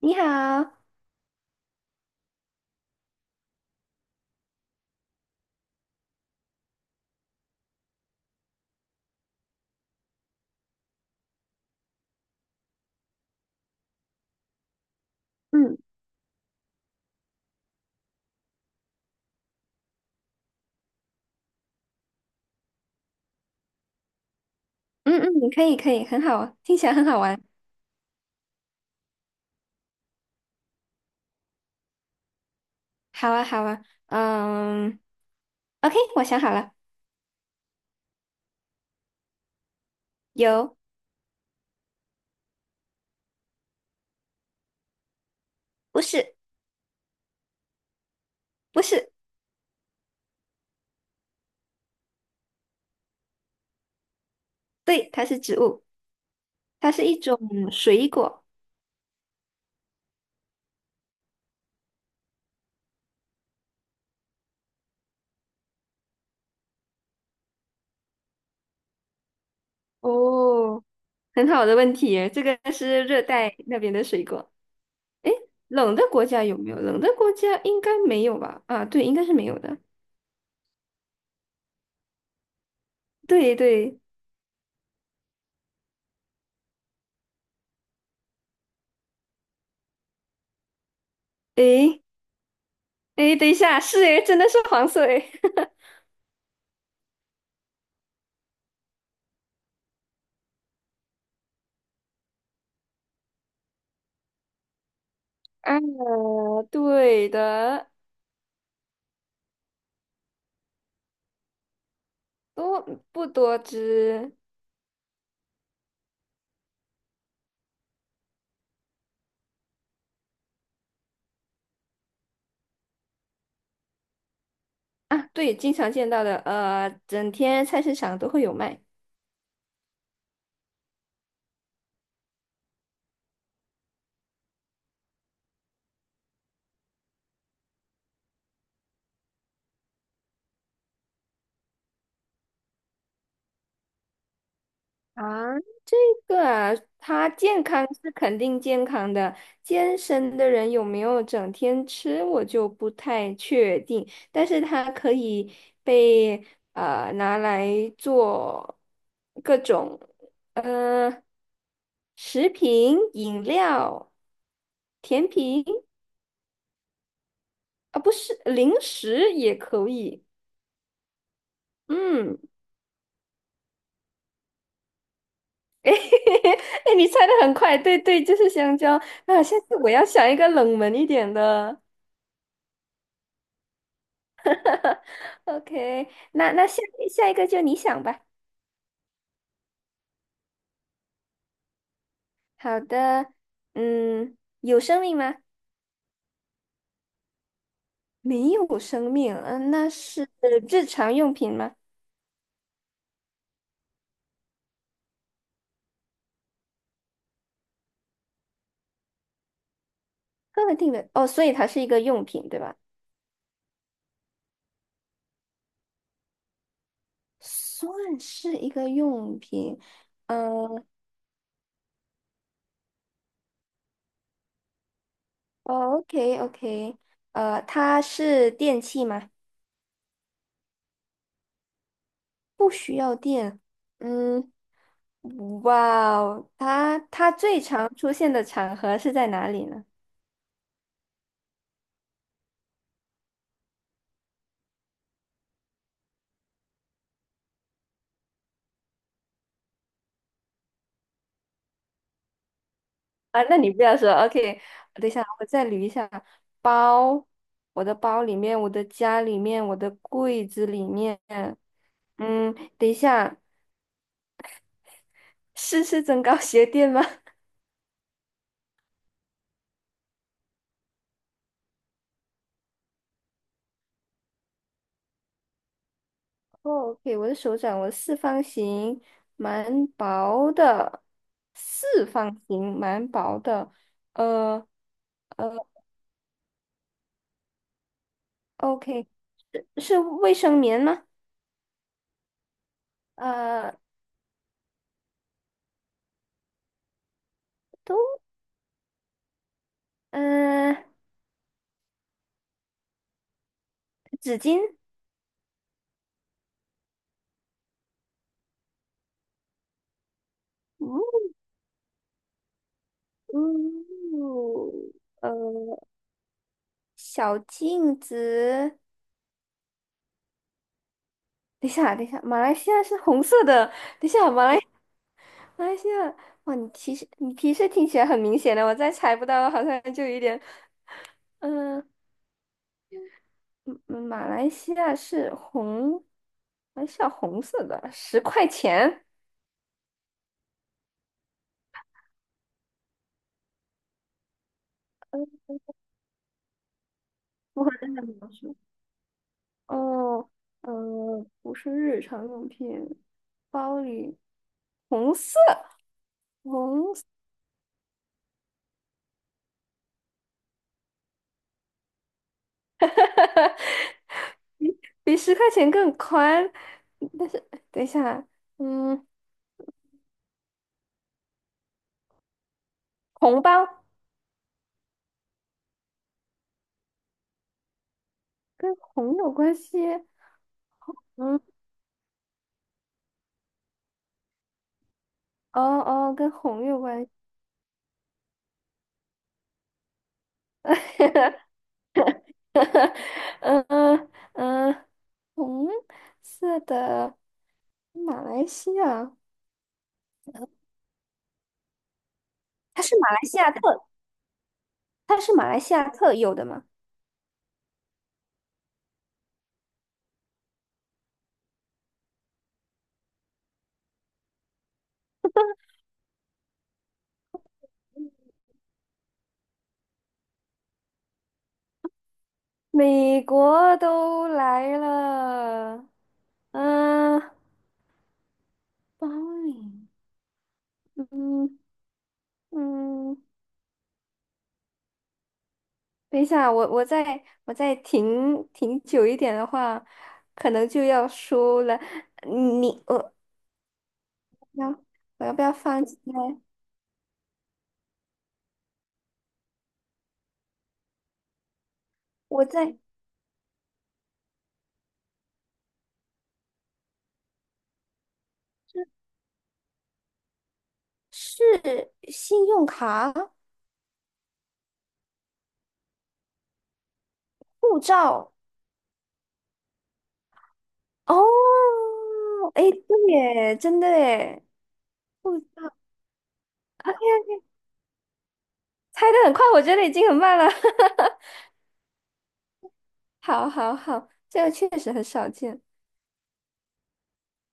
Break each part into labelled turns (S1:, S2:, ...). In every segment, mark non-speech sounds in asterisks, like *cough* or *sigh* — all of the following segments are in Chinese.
S1: 你好，嗯嗯嗯，可以可以，很好，听起来很好玩。好啊好啊，嗯，OK，我想好了。有。不是不是。对，它是植物，它是一种水果。哦，很好的问题耶，这个是热带那边的水果。诶，冷的国家有没有？冷的国家应该没有吧？啊，对，应该是没有的。对对，诶诶，等一下，是诶，真的是黄色诶。啊，对的。多不多汁啊？对，经常见到的，整天菜市场都会有卖啊。这个啊，它健康是肯定健康的，健身的人有没有整天吃，我就不太确定。但是它可以被拿来做各种呃食品、饮料、甜品。啊，不是零食也可以，嗯。*laughs* 哎，你猜的很快，对对，就是香蕉啊！下次我要想一个冷门一点的。OK，那下一个就你想吧。好的，嗯，有生命吗？没有生命，嗯、那是日常用品吗？特定的哦，所以它是一个用品，对吧？算是一个用品，嗯、哦，OK OK，它是电器吗？不需要电，嗯。哇哦，它最常出现的场合是在哪里呢？啊，那你不要说，OK，等一下，我再捋一下。包，我的包里面，我的家里面，我的柜子里面。嗯，等一下，是是增高鞋垫吗？*laughs* 哦，OK，我的手掌，我的四方形，蛮薄的，四方形蛮薄的。呃呃，OK，是是卫生棉吗？呃。都。嗯、纸巾。嗯嗯，呃，小镜子。等一下，等一下，马来西亚是红色的。等一下，马来西亚哇，你提示听起来很明显的，我再猜不到，好像就有一点，嗯、嗯嗯，马来西亚是红，还是西亚红色的，十块钱，不合真的描述。哦，不是日常用品，包里红色，红色。*laughs* 比十块钱更宽，但是等一下，嗯，红包跟红有关系。嗯，哦哦，跟红有关系。*laughs* 嗯嗯嗯，红色的马来西亚，它是马来西亚特，它是马来西亚特有的吗？美国都来了，嗯，包里，嗯嗯。等一下，我再停久一点的话，可能就要输了。嗯你要我要不要放弃呢？我在是信用卡、护照。哦，哎，对耶，真的耶，护照。 *laughs* 猜的很快，我觉得已经很慢了。*laughs* 好好好，这个确实很少见。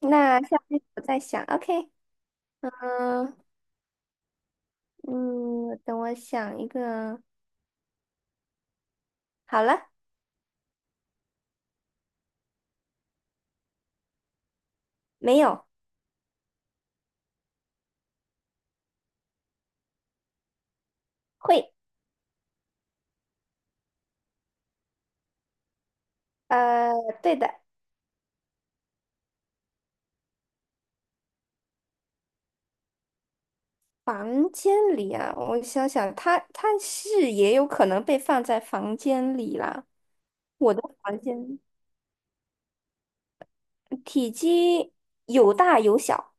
S1: 那下面我再想，OK，嗯嗯，等我想一个。好了。没有。会。呃，对的。房间里啊，我想想，它是也有可能被放在房间里啦。我的房间体积有大有小，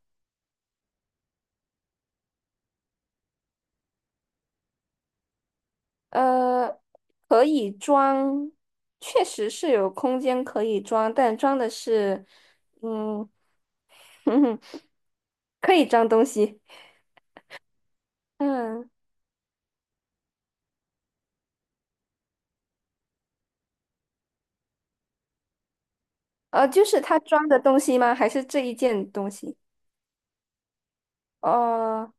S1: 呃，可以装，确实是有空间可以装，但装的是，嗯，*laughs* 可以装东西。嗯，就是它装的东西吗？还是这一件东西？呃，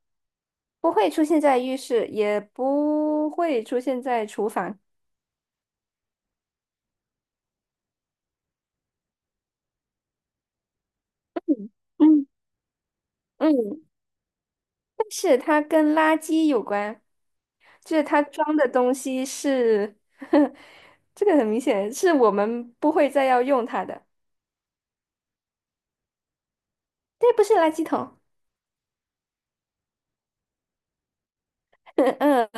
S1: 不会出现在浴室，也不会出现在厨房。嗯嗯，嗯，但是它跟垃圾有关，就是它装的东西是，*laughs* 这个很明显是我们不会再要用它的。对，不是垃圾桶。*laughs* 嗯，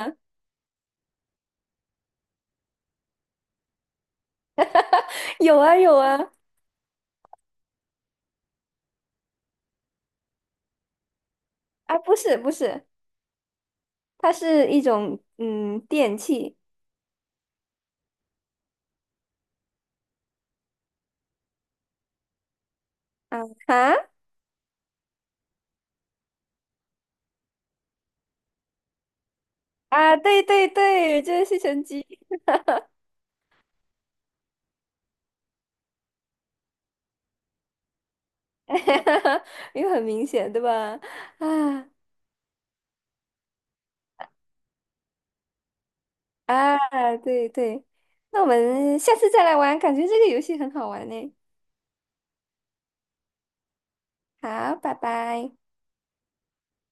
S1: 有啊有啊。啊，不是不是，它是一种电器。啊啊对对对，就是吸尘机。*laughs* 因为很明显对吧？啊啊，对对，那我们下次再来玩，感觉这个游戏很好玩呢。好，拜拜。